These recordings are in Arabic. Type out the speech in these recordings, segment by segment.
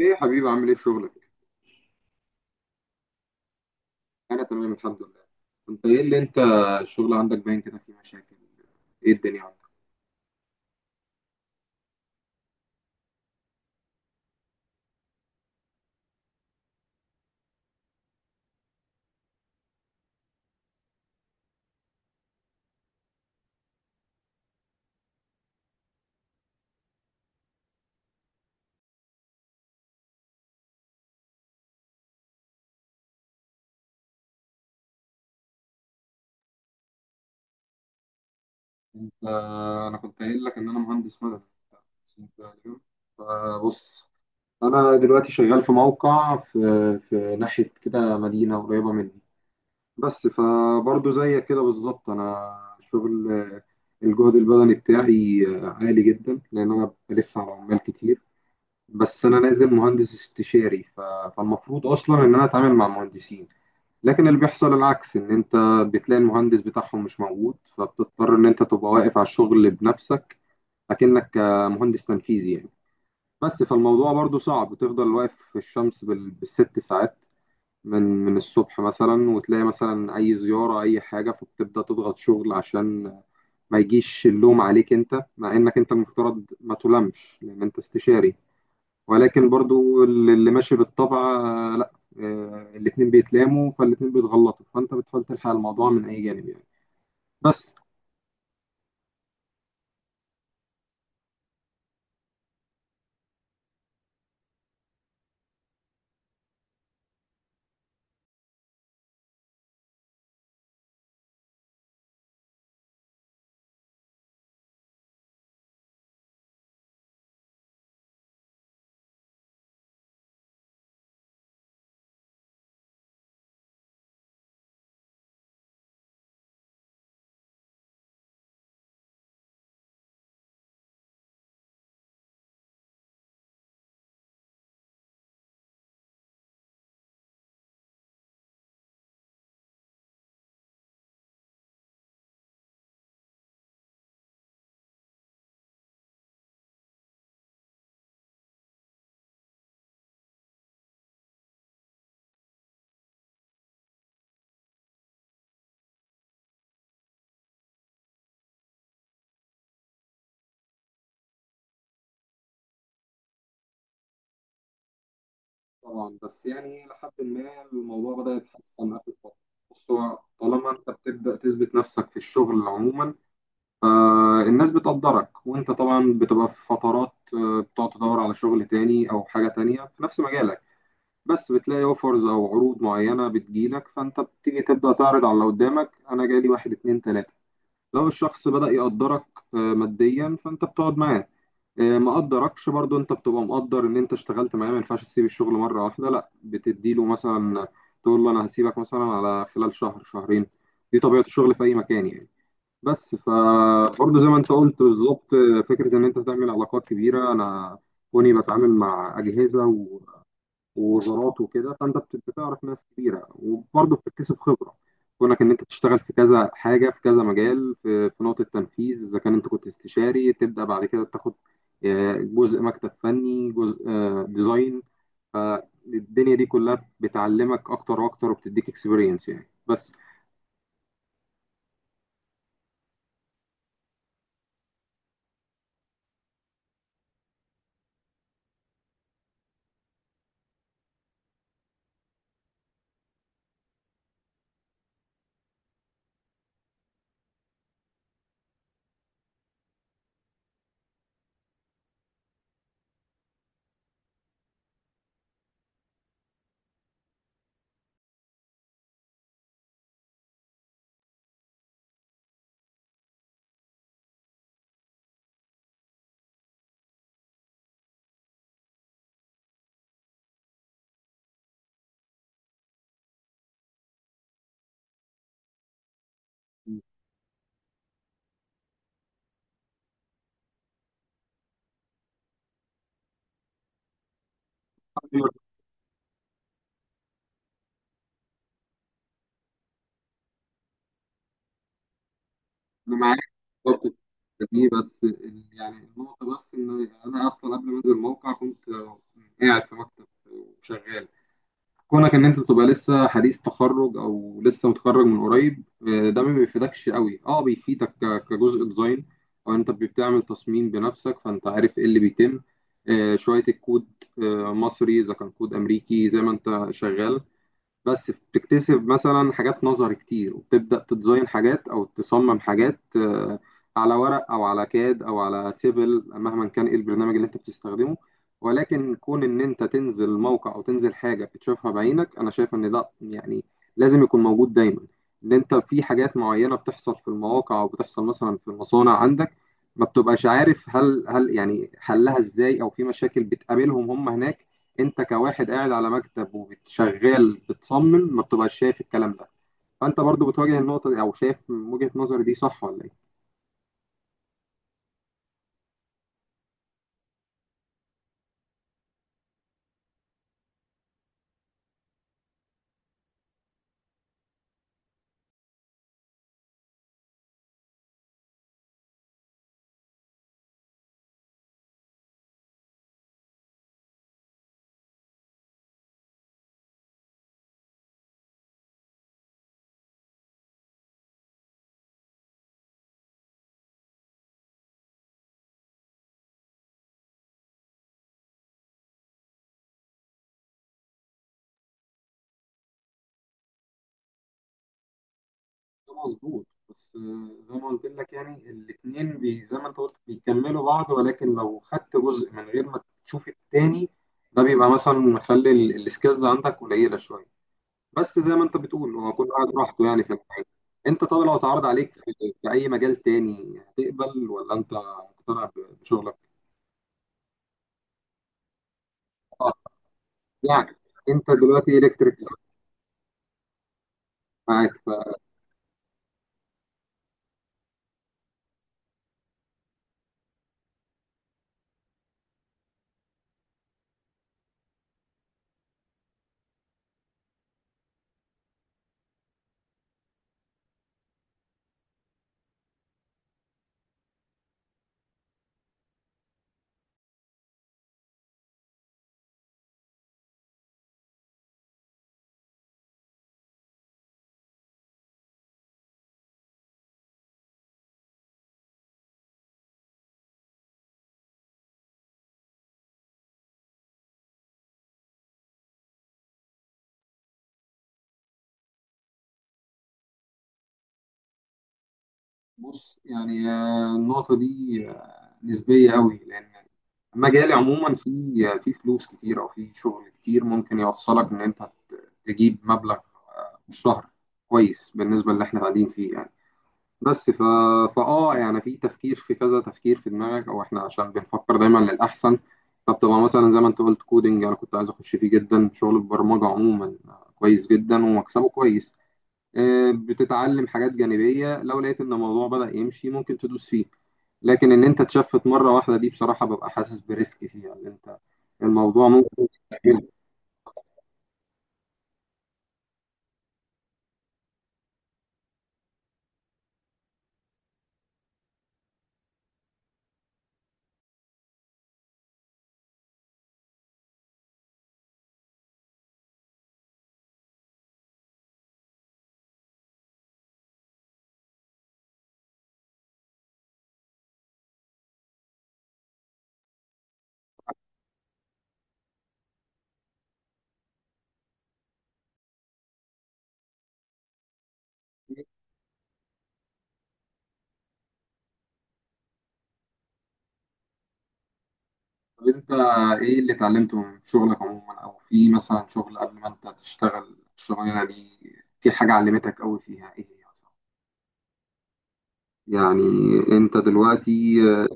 ايه يا حبيبي، عامل ايه في شغلك؟ انا تمام الحمد لله. انت ايه اللي انت الشغل عندك باين كده فيه مشاكل؟ ايه الدنيا عندك؟ انت انا كنت قايل لك ان انا مهندس مدني، بس انت اليوم فبص. انا دلوقتي شغال في موقع في ناحية كده، مدينة قريبة مني. بس فبرضه زيك كده بالظبط، انا شغل الجهد البدني بتاعي عالي جدا لان انا بلف على عمال كتير. بس انا نازل مهندس استشاري فالمفروض اصلا ان انا اتعامل مع مهندسين، لكن اللي بيحصل العكس، ان انت بتلاقي المهندس بتاعهم مش موجود فبتضطر ان انت تبقى واقف على الشغل بنفسك، اكنك مهندس تنفيذي يعني. بس فالموضوع برضو صعب، بتفضل واقف في الشمس بال6 ساعات من الصبح مثلا، وتلاقي مثلا اي زيارة اي حاجة فبتبدأ تضغط شغل عشان ما يجيش اللوم عليك، انت مع انك انت المفترض ما تلامش لان انت استشاري، ولكن برضو اللي ماشي بالطبع. لا، الاتنين بيتلاموا، فالاتنين بيتغلطوا، فانت بتحاول تلحق الموضوع من اي جانب يعني بس. طبعا، بس يعني لحد ما الموضوع بدأ يتحسن اخر فترة. بص، هو طالما انت بتبدأ تثبت نفسك في الشغل عموما، الناس بتقدرك. وانت طبعا بتبقى في فترات، بتقعد تدور على شغل تاني او حاجة تانية في نفس مجالك، بس بتلاقي اوفرز او عروض معينة بتجيلك، فانت بتيجي تبدأ تعرض على اللي قدامك. انا جالي واحد اتنين تلاتة. لو الشخص بدأ يقدرك ماديا فانت بتقعد معاه. ما قدركش برضو، انت بتبقى مقدر ان انت اشتغلت معاه، ما ينفعش تسيب الشغل مرة واحدة، لا بتديله مثلا تقول له انا هسيبك مثلا على خلال شهر شهرين. دي طبيعة الشغل في اي مكان يعني. بس فبرضه زي ما انت قلت بالظبط، فكرة ان انت تعمل علاقات كبيرة. انا كوني بتعامل مع أجهزة ووزارات وكده، فانت بتعرف ناس كبيره وبرضه بتكتسب خبره، كونك ان انت تشتغل في كذا حاجه، في كذا مجال، في نقطه تنفيذ، اذا كان انت كنت استشاري تبدا بعد كده تاخد جزء مكتب فني، جزء ديزاين. فالدنيا دي كلها بتعلمك اكتر واكتر وبتديك اكسبيرينس يعني بس. أنا معاك بالظبط. دي بس يعني النقطة، بس إن أنا أصلا قبل ما أنزل الموقع كنت قاعد في مكتب وشغال. كونك ان انت تبقى لسه حديث تخرج او لسه متخرج من قريب، ده ما بيفيدكش قوي. اه بيفيدك كجزء ديزاين، او انت بتعمل تصميم بنفسك فانت عارف ايه اللي بيتم، شوية الكود مصري اذا كان كود امريكي زي ما انت شغال. بس بتكتسب مثلا حاجات نظر كتير وبتبدأ تديزاين حاجات أو تصمم حاجات، على ورق أو على كاد أو على سيفل مهما كان إيه البرنامج اللي أنت بتستخدمه. ولكن كون إن أنت تنزل موقع أو تنزل حاجة بتشوفها بعينك، أنا شايف إن ده يعني لازم يكون موجود دايما، إن أنت في حاجات معينة بتحصل في المواقع أو بتحصل مثلا في المصانع عندك ما بتبقاش عارف هل يعني حلها إزاي، أو في مشاكل بتقابلهم هم هناك انت كواحد قاعد على مكتب وبتشغال بتصمم ما بتبقاش شايف الكلام ده. فانت برضو بتواجه النقطة دي، او شايف من وجهة نظري دي صح ولا ايه؟ ده مظبوط، بس زي ما قلت لك يعني الاثنين زي ما انت قلت بيكملوا بعض، ولكن لو خدت جزء من غير ما تشوف التاني ده بيبقى مثلا مخلي السكيلز عندك قليلة شوية. بس زي ما انت بتقول، هو كل واحد راحته يعني في الحاجة. انت طب لو اتعرض عليك في اي مجال تاني هتقبل ولا انت مقتنع بشغلك؟ يعني انت دلوقتي الكتريك. معاك. فبص يعني النقطه دي نسبيه قوي، لان المجال عموما فيه فلوس كتير او فيه شغل كتير ممكن يوصلك ان انت تجيب مبلغ في الشهر كويس بالنسبه اللي احنا قاعدين فيه يعني. بس ف... فاه يعني في تفكير، في كذا تفكير في دماغك، او احنا عشان بنفكر دايما للاحسن، فبتبقى مثلا زي ما انت قلت كودنج. انا كنت عايز اخش فيه جدا، شغل البرمجه عموما كويس جدا ومكسبه كويس. بتتعلم حاجات جانبية لو لقيت ان الموضوع بدأ يمشي ممكن تدوس فيه. لكن ان انت تشفت مرة واحدة دي بصراحة ببقى حاسس بريسك فيها، ان انت الموضوع ممكن يتأجل. طب انت ايه اللي اتعلمته من شغلك عموما، او في مثلا شغل قبل ما انت تشتغل الشغلانة دي في حاجة علمتك قوي فيها ايه هي مثلا يعني؟ انت دلوقتي آه،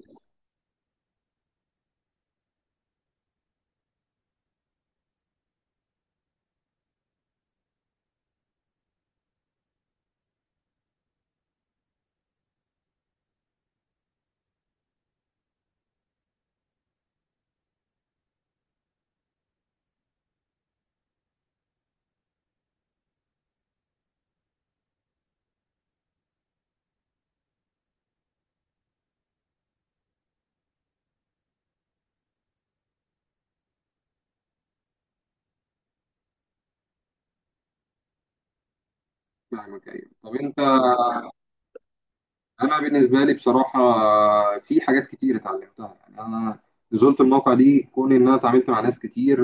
فاهمك. ايوه، طب انت. انا بالنسبه لي بصراحه في حاجات كتير اتعلمتها، يعني انا نزلت الموقع دي كون ان انا اتعاملت مع ناس كتير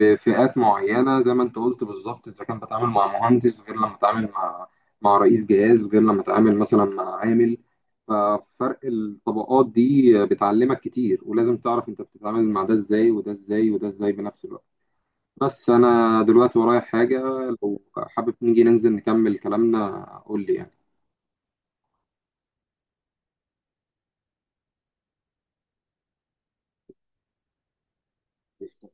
بفئات معينه زي ما انت قلت بالظبط، اذا كان بتعامل مع مهندس غير لما اتعامل مع رئيس جهاز، غير لما اتعامل مثلا مع عامل، ففرق الطبقات دي بتعلمك كتير، ولازم تعرف انت بتتعامل مع ده ازاي وده ازاي وده ازاي بنفس الوقت. بس انا دلوقتي ورايا حاجه، لو حابب نيجي ننزل نكمل كلامنا قول لي يعني.